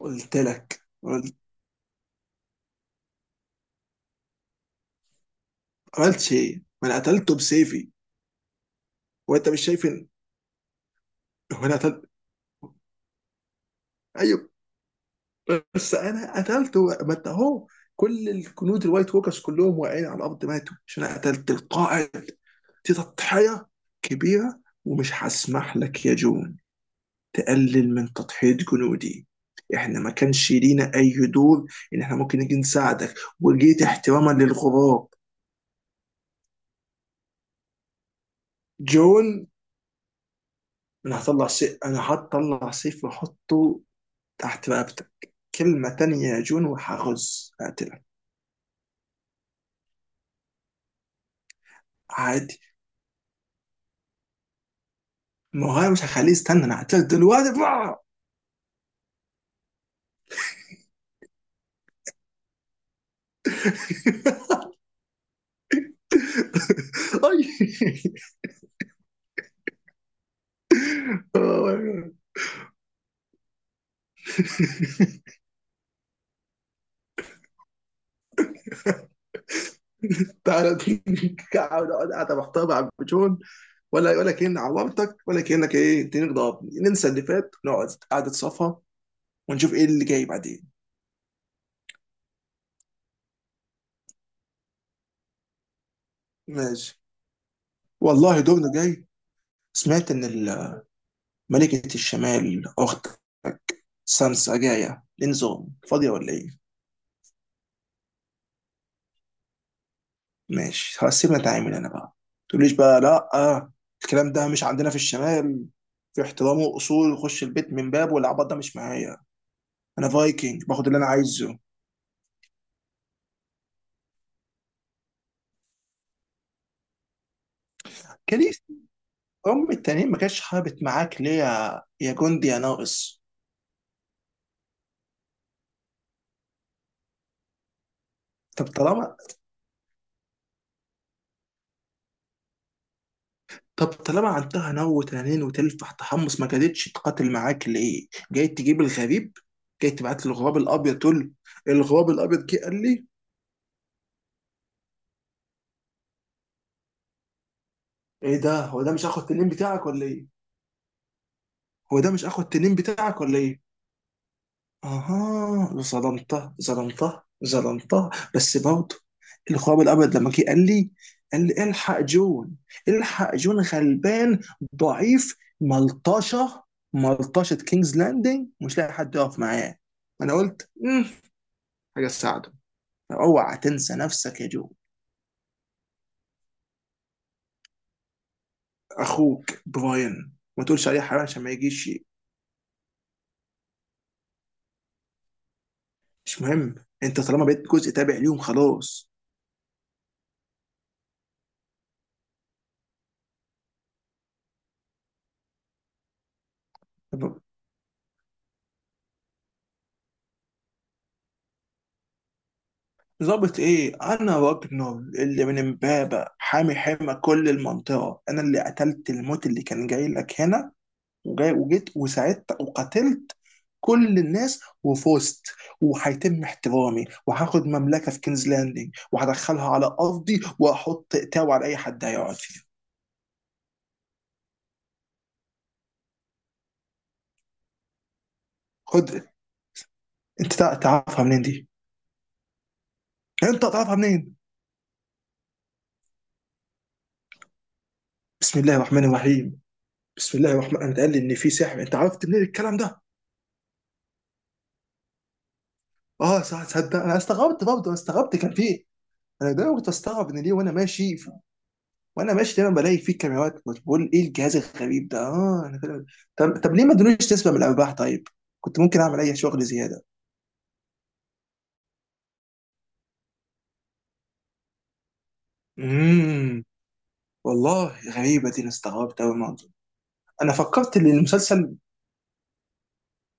قلت لك عملتش ايه؟ ما انا قتلته بسيفي. وانت مش شايف ان هو انا قتلت. ايوه، بس انا قتلته. ما انت اهو كل الجنود الوايت ووكرز كلهم واقعين على الارض، ماتوا عشان انا قتلت القائد. دي تضحيه كبيره، ومش هسمح لك يا جون تقلل من تضحيه جنودي. احنا ما كانش لينا اي دور ان احنا ممكن نيجي نساعدك، وجيت احتراما للغراب. جون، انا هطلع سيف واحطه تحت رقبتك. كلمة تانية يا جون هقتلك. عادي. ما هو أنا مش هخليه يستنى، انا هقتلك دلوقتي بقى. أي. تعالى. قاعد، محتار مع جون. ولا كأن عورتك ولا كأنك ايه، اديني ضربني، ننسى اللي فات، نقعد قعدة صفا ونشوف ايه اللي جاي بعدين. ماشي. والله دورنا جاي. سمعت ان ملكة الشمال اختك سانسا جاية لنزوم فاضية ولا ايه؟ ماشي خلاص، سيبنا نتعامل انا بقى. تقوليش بقى لا. آه، الكلام ده مش عندنا في الشمال. في احترام واصول، خش البيت من باب، والعبط ده مش معايا. انا فايكنج باخد اللي انا عايزه. كاليس ام التانيين، ما كانتش حابت معاك ليه يا جندي يا ناقص؟ طب طالما طب طالما عندها نو تنانين وتلفح تحمص، ما كادتش تقاتل معاك ليه؟ جاي تجيب الغريب، جاي تبعت له الغراب الابيض تقول له، الغراب الابيض جه قال لي. ايه ده، هو ده مش اخو التنين بتاعك ولا ايه؟ هو ده مش اخو التنين بتاعك ولا ايه اها، ظلمته ظلمته ظلمته بس برضه. الخواب الابيض لما جه قال لي، قال لي الحق جون، الحق جون غلبان ضعيف ملطشه، ملطشه كينجز لاندنج مش لاقي حد يقف معاه. انا قلت حاجه تساعده. اوعى تنسى نفسك يا جو. اخوك براين ما تقولش عليه حرام عشان ما يجيش شيء. مش مهم، انت طالما بقيت جزء تابع ليهم خلاص. ظابط ايه؟ انا راجنر اللي من امبابة، حامي حمى كل المنطقة. انا اللي قتلت الموت اللي كان جاي لك هنا، وجيت وساعدت وقتلت كل الناس وفزت، وهيتم احترامي، وهاخد مملكة في كينز لاندنج وهدخلها على ارضي واحط تاو على اي حد هيقعد فيها. خد. انت تعرفها منين دي؟ انت تعرفها منين؟ بسم الله الرحمن الرحيم. بسم الله الرحمن انت قال لي ان في سحر، انت عرفت منين الكلام ده؟ اه صح، تصدق انا استغربت برضه، انا استغربت كان في إيه؟ انا دايما كنت استغرب ان ليه، وانا ماشي دايما بلاقي فيه كاميرات، كنت بقول ايه الجهاز الغريب ده. اه انا فاهم. طب ليه ما ادونيش نسبه من الارباح طيب؟ كنت ممكن اعمل اي شغل زياده. امم والله غريبه دي، انا استغربت قوي الموضوع. انا فكرت ان المسلسل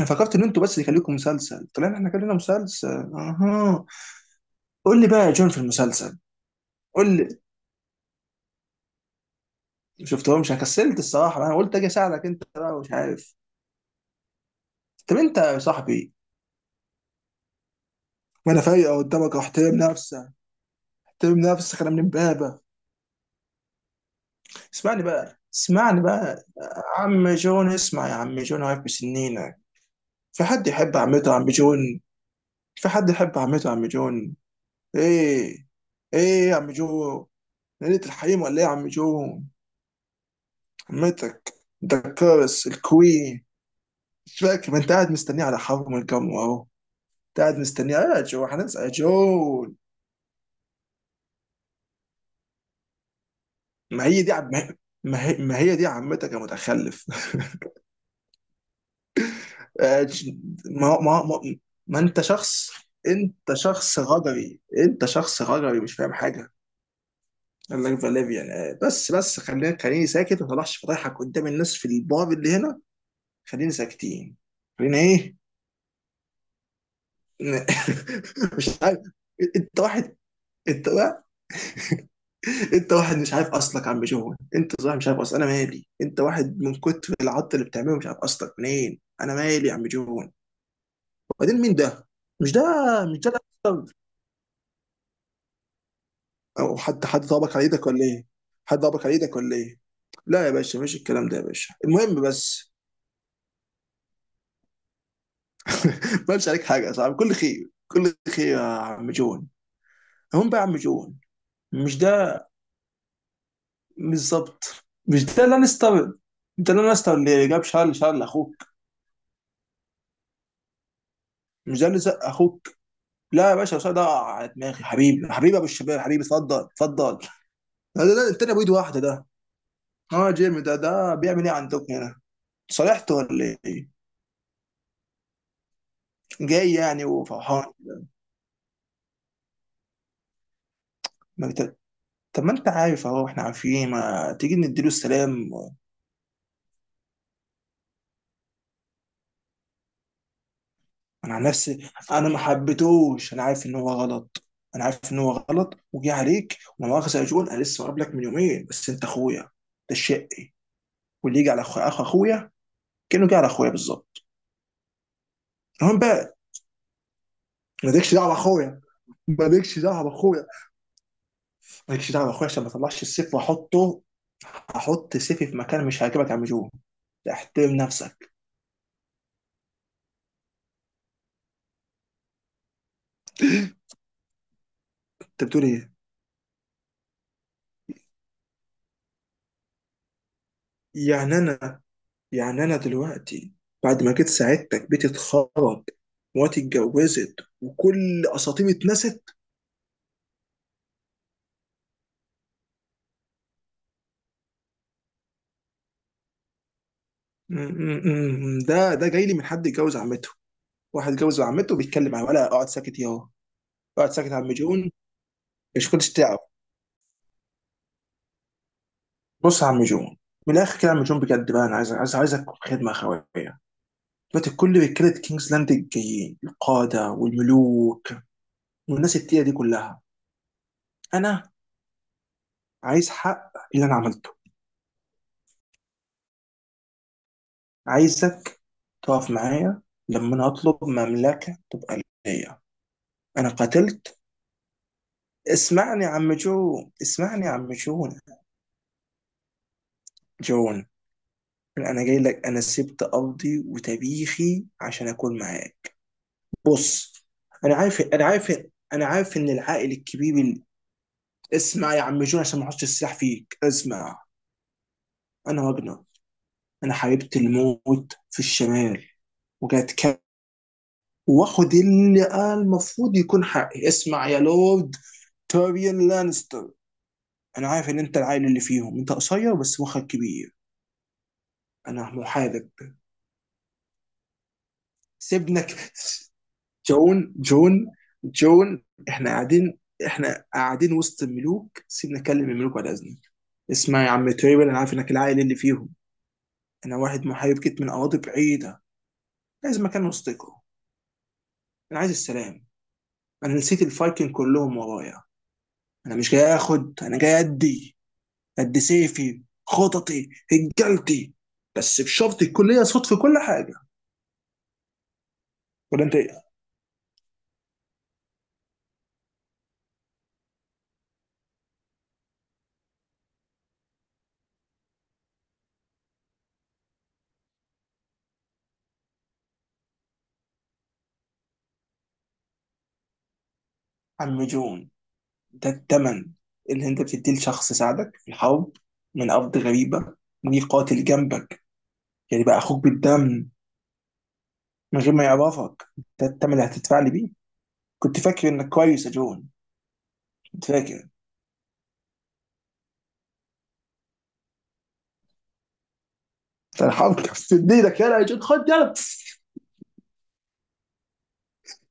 انا فكرت ان انتوا بس اللي خليكم مسلسل، طلعنا احنا كلنا مسلسل. اها. قول لي بقى يا جون في المسلسل، قول لي. ما شفتهمش، انا كسلت الصراحه، انا قلت اجي اساعدك انت بقى مش عارف. طب انت يا صاحبي، وانا فايقه قدامك احترم نفسك، احترم نفسك، انا من امبابه. اسمعني بقى عم جون، اسمع يا عم جون، عارف بسنينك؟ في حد يحب عمته عم جون في حد يحب عمته عم جون؟ ايه ايه يا عم جون؟ ليلة الحريم ولا ايه يا عم جون؟ عمتك، ده الكرس الكوين. مش فاكر؟ ما انت قاعد مستنيه على حرم الجمر اهو. انت قاعد مستنيه يا جو، هننسى يا جون. ما هي دي عم... ما هي دي عمتك يا متخلف. آه، ما هو- ما هو- ما, ما انت شخص، انت شخص غجري مش فاهم حاجه. قال لك فاليفيان. بس خليني ساكت ما طلعش فضايحك قدام الناس في البار اللي هنا. خليني ساكتين. خلينا ايه؟ ن- مش عارف. انت واحد انت واحد انت واحد مش عارف اصلك يا عم جون، انت صاحب مش عارف اصلك، انا مالي. انت واحد من كتر العط اللي بتعمله مش عارف اصلك منين، انا مالي يا عم جون. وبعدين مين ده؟ مش ده مش ده او حد، ضربك على ايدك ولا ايه؟ حد ضربك على ايدك ولا ايه؟ لا يا باشا، مش الكلام ده يا باشا. المهم بس ما قالش عليك حاجه يا صاحبي، كل خير، كل خير يا عم جون. هم بقى يا عم جون، مش ده بالظبط، مش ده لانستر. انت لانستر اللي جاب شارل، اخوك، مش ده اللي زق اخوك. لا يا باشا، شارل ده وقع على دماغي حبيبي، حبيبي يا ابو الشباب، حبيبي، اتفضل اتفضل. لا لا لا، التاني ابو ايد واحده ده. اه جيمي، ده بيعمل ايه عندكم هنا؟ صالحته ولا ايه؟ جاي يعني وفرحان؟ ما طب ما انت عارف اهو، احنا عارفين، ما تيجي نديله السلام. انا عن نفسي انا ما حبيتهوش، انا عارف ان هو غلط، انا عارف ان هو غلط وجه عليك. وما مؤاخذه يا جون، انا لسه قابلك من يومين، بس انت اخويا، ده الشقي، واللي يجي على اخو اخويا كانه جه على اخويا بالظبط. المهم بقى، مالكش دعوه باخويا، مالكش دعوه باخويا، مالكش دعوه باخويا عشان ما اطلعش السيف واحطه، احط سيفي في مكان مش هيعجبك يا عم جون. احترم نفسك، انت بتقول ايه؟ يعني انا يعني انا دلوقتي بعد ما جيت ساعدتك بيتي اتخرب، مراتي اتجوزت، وكل اساطيري اتنست. م- م- م- م. ده جاي لي من حد اتجوز عمته. واحد اتجوز عمته وبيتكلم معاه، ولا اقعد ساكت ياهو؟ اقعد ساكت يا عم جون. مش كنتش تعرف. بص يا عم جون، من الاخر كده يا عم جون بجد بقى، انا عايز عايزك خدمه اخويه. دلوقتي كل رجاله كينجز لاند الجايين، القاده والملوك والناس التقيله دي كلها، انا عايز حق اللي انا عملته. عايزك تقف معايا لما انا اطلب مملكه تبقى ليا. انا قتلت. اسمعني يا عم جون. جون، انا جاي لك، انا سبت ارضي وتاريخي عشان اكون معاك. بص، انا عارف، انا عارف ان العائل الكبير اسمع يا عم جون عشان ما احطش السلاح فيك، اسمع. انا راجنر، انا حاربت الموت في الشمال، وجات كام، واخد اللي المفروض يكون حقي. اسمع يا لورد تيريون لانستر، انا عارف ان انت العائل اللي فيهم، انت قصير بس مخك كبير، انا محاذق. سيبنك. جون، جون، احنا قاعدين وسط الملوك، سيبنا نكلم الملوك بعد اذنك. اسمع يا عم تيريون، انا عارف انك العائل اللي فيهم. انا واحد محارب جيت من اراضي بعيده، لازم مكان وسطكم. انا عايز السلام، انا نسيت الفايكنج كلهم ورايا، انا مش جاي اخد، انا جاي ادي قد سيفي خططي هجلتي، بس بشرط يكون ليا صوت في كل حاجه. ولا انت ايه؟ عم جون، ده الثمن اللي انت بتديه لشخص ساعدك في الحرب من ارض غريبه، ليه قاتل جنبك، يعني بقى اخوك بالدم من غير ما يعرفك؟ ده الثمن اللي هتدفع لي بيه؟ كنت فاكر انك كويس يا جون، كنت فاكر. ده الحرب كانت في ايدك. يلا يا جون، خد يلا.